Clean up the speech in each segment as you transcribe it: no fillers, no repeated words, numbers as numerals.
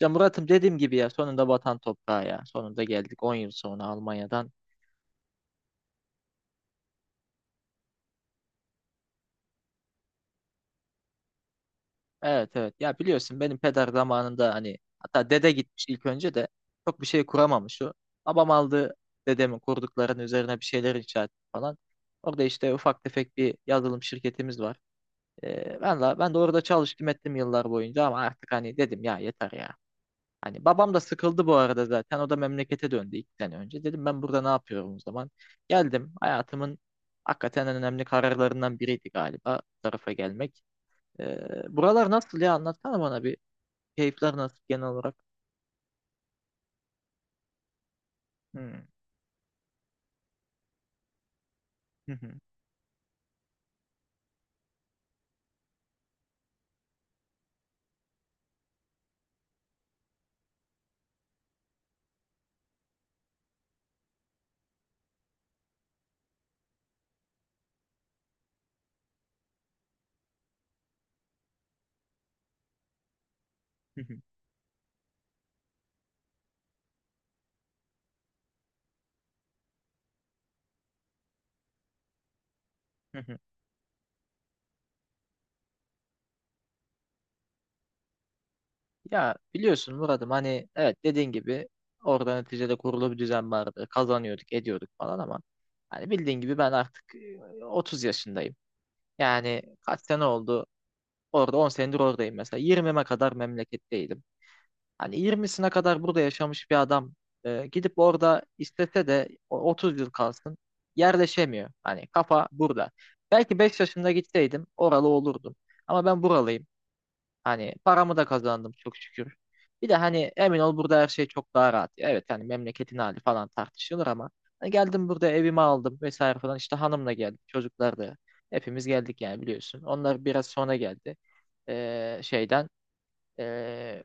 Ya Murat'ım dediğim gibi ya sonunda vatan toprağı ya. Sonunda geldik 10 yıl sonra Almanya'dan. Evet evet. Ya biliyorsun benim peder zamanında hani hatta dede gitmiş ilk önce de çok bir şey kuramamış o. Babam aldı dedemin kurduklarının üzerine bir şeyler inşa etti falan. Orada işte ufak tefek bir yazılım şirketimiz var. Ben de orada çalıştım ettim yıllar boyunca ama artık hani dedim ya yeter ya. Hani babam da sıkıldı bu arada zaten. O da memlekete döndü 2 sene önce. Dedim ben burada ne yapıyorum o zaman? Geldim. Hayatımın hakikaten en önemli kararlarından biriydi galiba bu tarafa gelmek. Ee, Buralar nasıl ya? Anlatsana bana bir. Keyifler nasıl genel olarak? Hmm. Hı hı, hı hı, hı hı. Ya biliyorsun Murat'ım hani evet dediğin gibi orada neticede kurulu bir düzen vardı. Kazanıyorduk, ediyorduk falan ama hani bildiğin gibi ben artık 30 yaşındayım. Yani kaç sene oldu? Orada 10 senedir oradayım mesela. 20'me kadar memleketteydim. Hani 20'sine kadar burada yaşamış bir adam gidip orada istese de 30 yıl kalsın yerleşemiyor. Hani kafa burada. Belki 5 yaşında gitseydim oralı olurdum. Ama ben buralıyım. Hani paramı da kazandım çok şükür. Bir de hani emin ol burada her şey çok daha rahat. Evet hani memleketin hali falan tartışılır ama hani geldim burada evimi aldım vesaire falan işte hanımla geldik çocuklar da hepimiz geldik yani biliyorsun. Onlar biraz sonra geldi. Şeyden ee,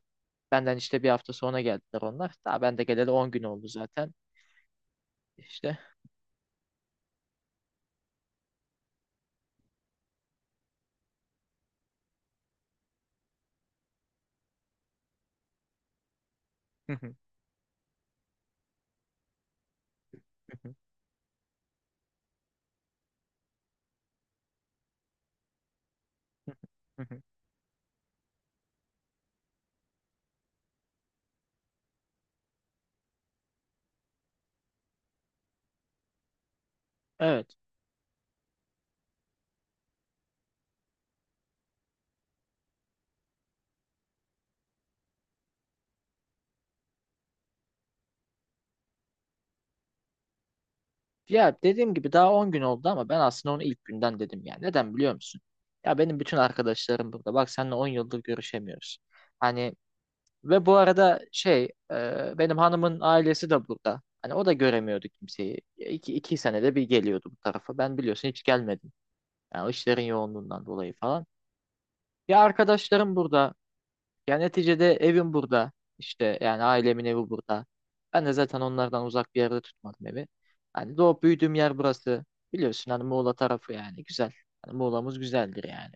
Benden işte bir hafta sonra geldiler onlar. Daha ben de geleli 10 gün oldu zaten. İşte. Evet. Ya dediğim gibi daha 10 gün oldu ama ben aslında onu ilk günden dedim ya. Neden biliyor musun? Ya benim bütün arkadaşlarım burada. Bak seninle 10 yıldır görüşemiyoruz. Hani ve bu arada benim hanımın ailesi de burada. Hani o da göremiyordu kimseyi. Ya iki senede bir geliyordu bu tarafa. Ben biliyorsun hiç gelmedim. Yani o işlerin yoğunluğundan dolayı falan. Ya arkadaşlarım burada. Ya neticede evim burada. İşte yani ailemin evi burada. Ben de zaten onlardan uzak bir yerde tutmadım evi. Hani doğup büyüdüğüm yer burası. Biliyorsun hani Muğla tarafı yani güzel. Hani Muğla'mız güzeldir yani.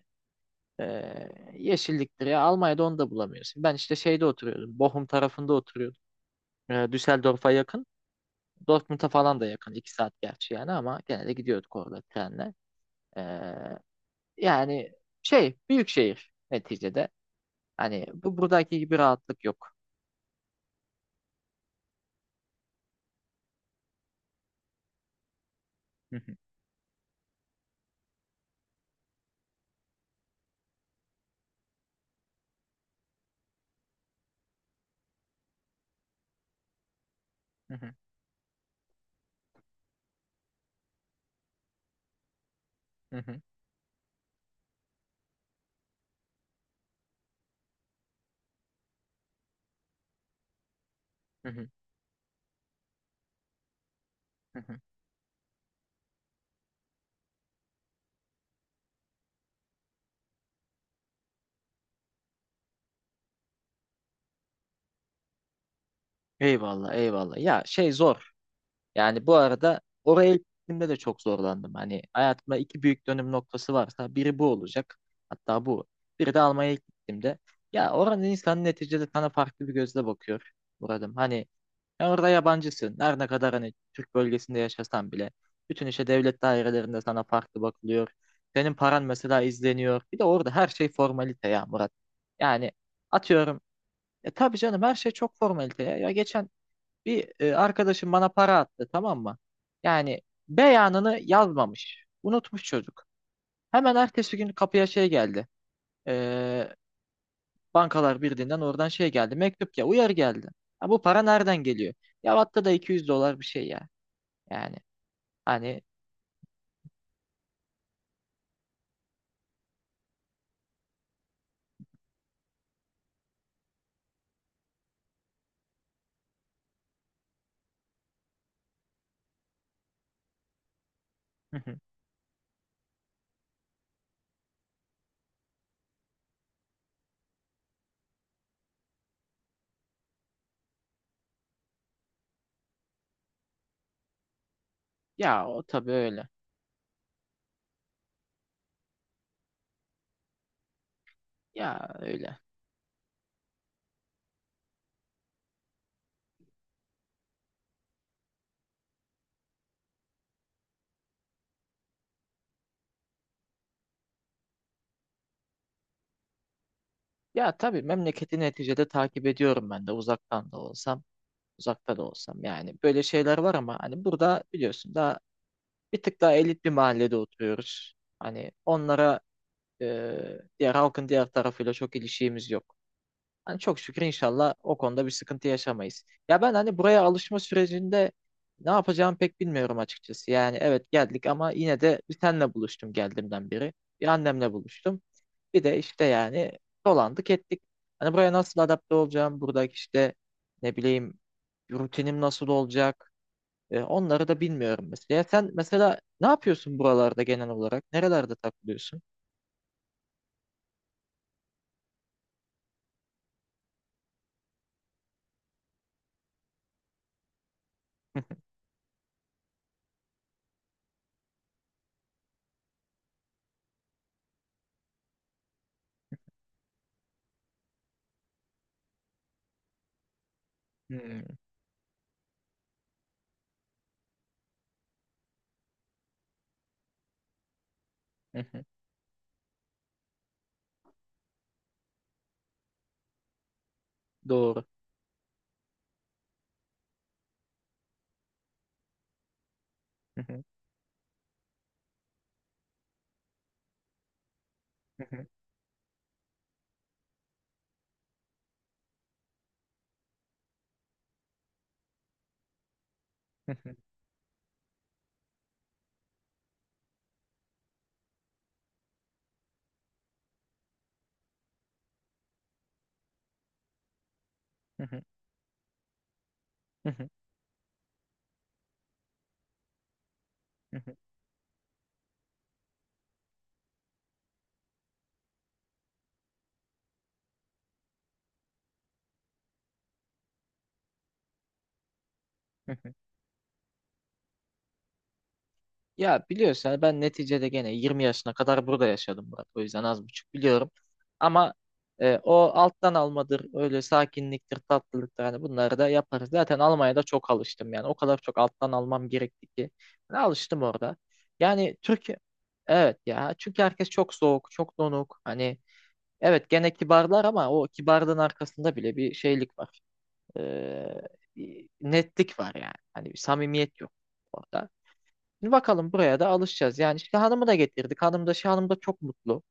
Ee, Yeşilliktir ya. Almanya'da onu da bulamıyorsun. Ben işte şeyde oturuyordum. Bochum tarafında oturuyordum. Düsseldorf'a yakın. Dortmund'a falan da yakın. 2 saat gerçi yani ama gene de gidiyorduk orada trenle. Ee, yani büyük şehir neticede. Hani bu buradaki gibi rahatlık yok. Hı hı, hı hı, hı hı. Eyvallah, eyvallah. Ya şey zor. Yani bu arada oraya ilk gittiğimde de çok zorlandım. Hani hayatımda iki büyük dönüm noktası varsa biri bu olacak. Hatta bu. Biri de Almanya'ya ilk gittiğimde. Ya oranın insanı neticede sana farklı bir gözle bakıyor. Buradım. Hani sen orada yabancısın. Her ne kadar hani Türk bölgesinde yaşasan bile. Bütün işte devlet dairelerinde sana farklı bakılıyor. Senin paran mesela izleniyor. Bir de orada her şey formalite ya Murat. Yani atıyorum. Ya tabii canım her şey çok formalite ya. Ya geçen bir arkadaşım bana para attı, tamam mı? Yani beyanını yazmamış. Unutmuş çocuk. Hemen ertesi gün kapıya şey geldi. E, Bankalar Birliği'nden oradan şey geldi. Mektup ya uyarı geldi. Ha, bu para nereden geliyor? Ya hatta da 200 dolar bir şey ya. Yani hani ya o tabii öyle. Ya öyle. Ya tabii memleketi neticede takip ediyorum ben de uzaktan da olsam, uzakta da olsam. Yani böyle şeyler var ama hani burada biliyorsun daha bir tık daha elit bir mahallede oturuyoruz. Hani onlara diğer halkın diğer tarafıyla çok ilişiğimiz yok. Hani çok şükür inşallah o konuda bir sıkıntı yaşamayız. Ya ben hani buraya alışma sürecinde ne yapacağımı pek bilmiyorum açıkçası. Yani evet geldik ama yine de bir senle buluştum geldiğimden beri. Bir annemle buluştum. Bir de işte yani dolandık ettik. Hani buraya nasıl adapte olacağım? Buradaki işte ne bileyim rutinim nasıl olacak? Onları da bilmiyorum mesela. Ya sen mesela ne yapıyorsun buralarda genel olarak? Nerelerde takılıyorsun? Hmm, Doğru. Ya biliyorsun yani ben neticede gene 20 yaşına kadar burada yaşadım Murat. O yüzden az buçuk biliyorum. Ama o alttan almadır, öyle sakinliktir, tatlılıktır. Hani bunları da yaparız. Zaten Almanya'da çok alıştım yani. O kadar çok alttan almam gerekti ki. Ben alıştım orada. Yani Türkiye, evet ya. Çünkü herkes çok soğuk, çok donuk. Hani evet gene kibarlar ama o kibarlığın arkasında bile bir şeylik var. E, Bir netlik var yani. Hani bir samimiyet yok orada. Şimdi bakalım buraya da alışacağız. Yani işte hanımı da getirdik. Hanım da çok mutlu.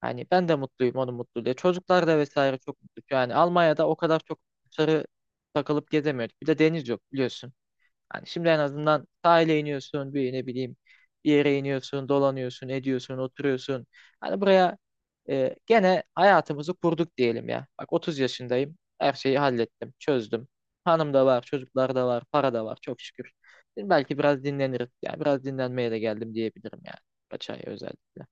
Hani ben de mutluyum onun mutluluğu. Çocuklar da vesaire çok mutlu. Yani Almanya'da o kadar çok dışarı takılıp gezemiyoruz. Bir de deniz yok biliyorsun. Hani şimdi en azından sahile iniyorsun, bir ne bileyim bir yere iniyorsun, dolanıyorsun, ediyorsun, oturuyorsun. Hani buraya gene hayatımızı kurduk diyelim ya. Bak 30 yaşındayım. Her şeyi hallettim, çözdüm. Hanım da var, çocuklar da var, para da var çok şükür. Şimdi belki biraz dinleniriz. Yani biraz dinlenmeye de geldim diyebilirim yani. Kaç ay özellikle.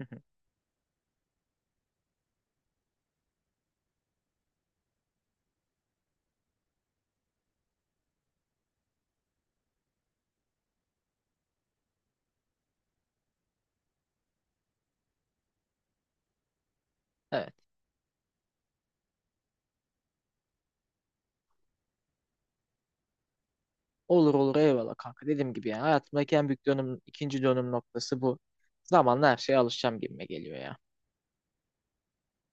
Evet. Olur olur eyvallah kanka. Dediğim gibi yani hayatımdaki en büyük dönüm, ikinci dönüm noktası bu. Zamanla her şeye alışacağım gibime geliyor ya.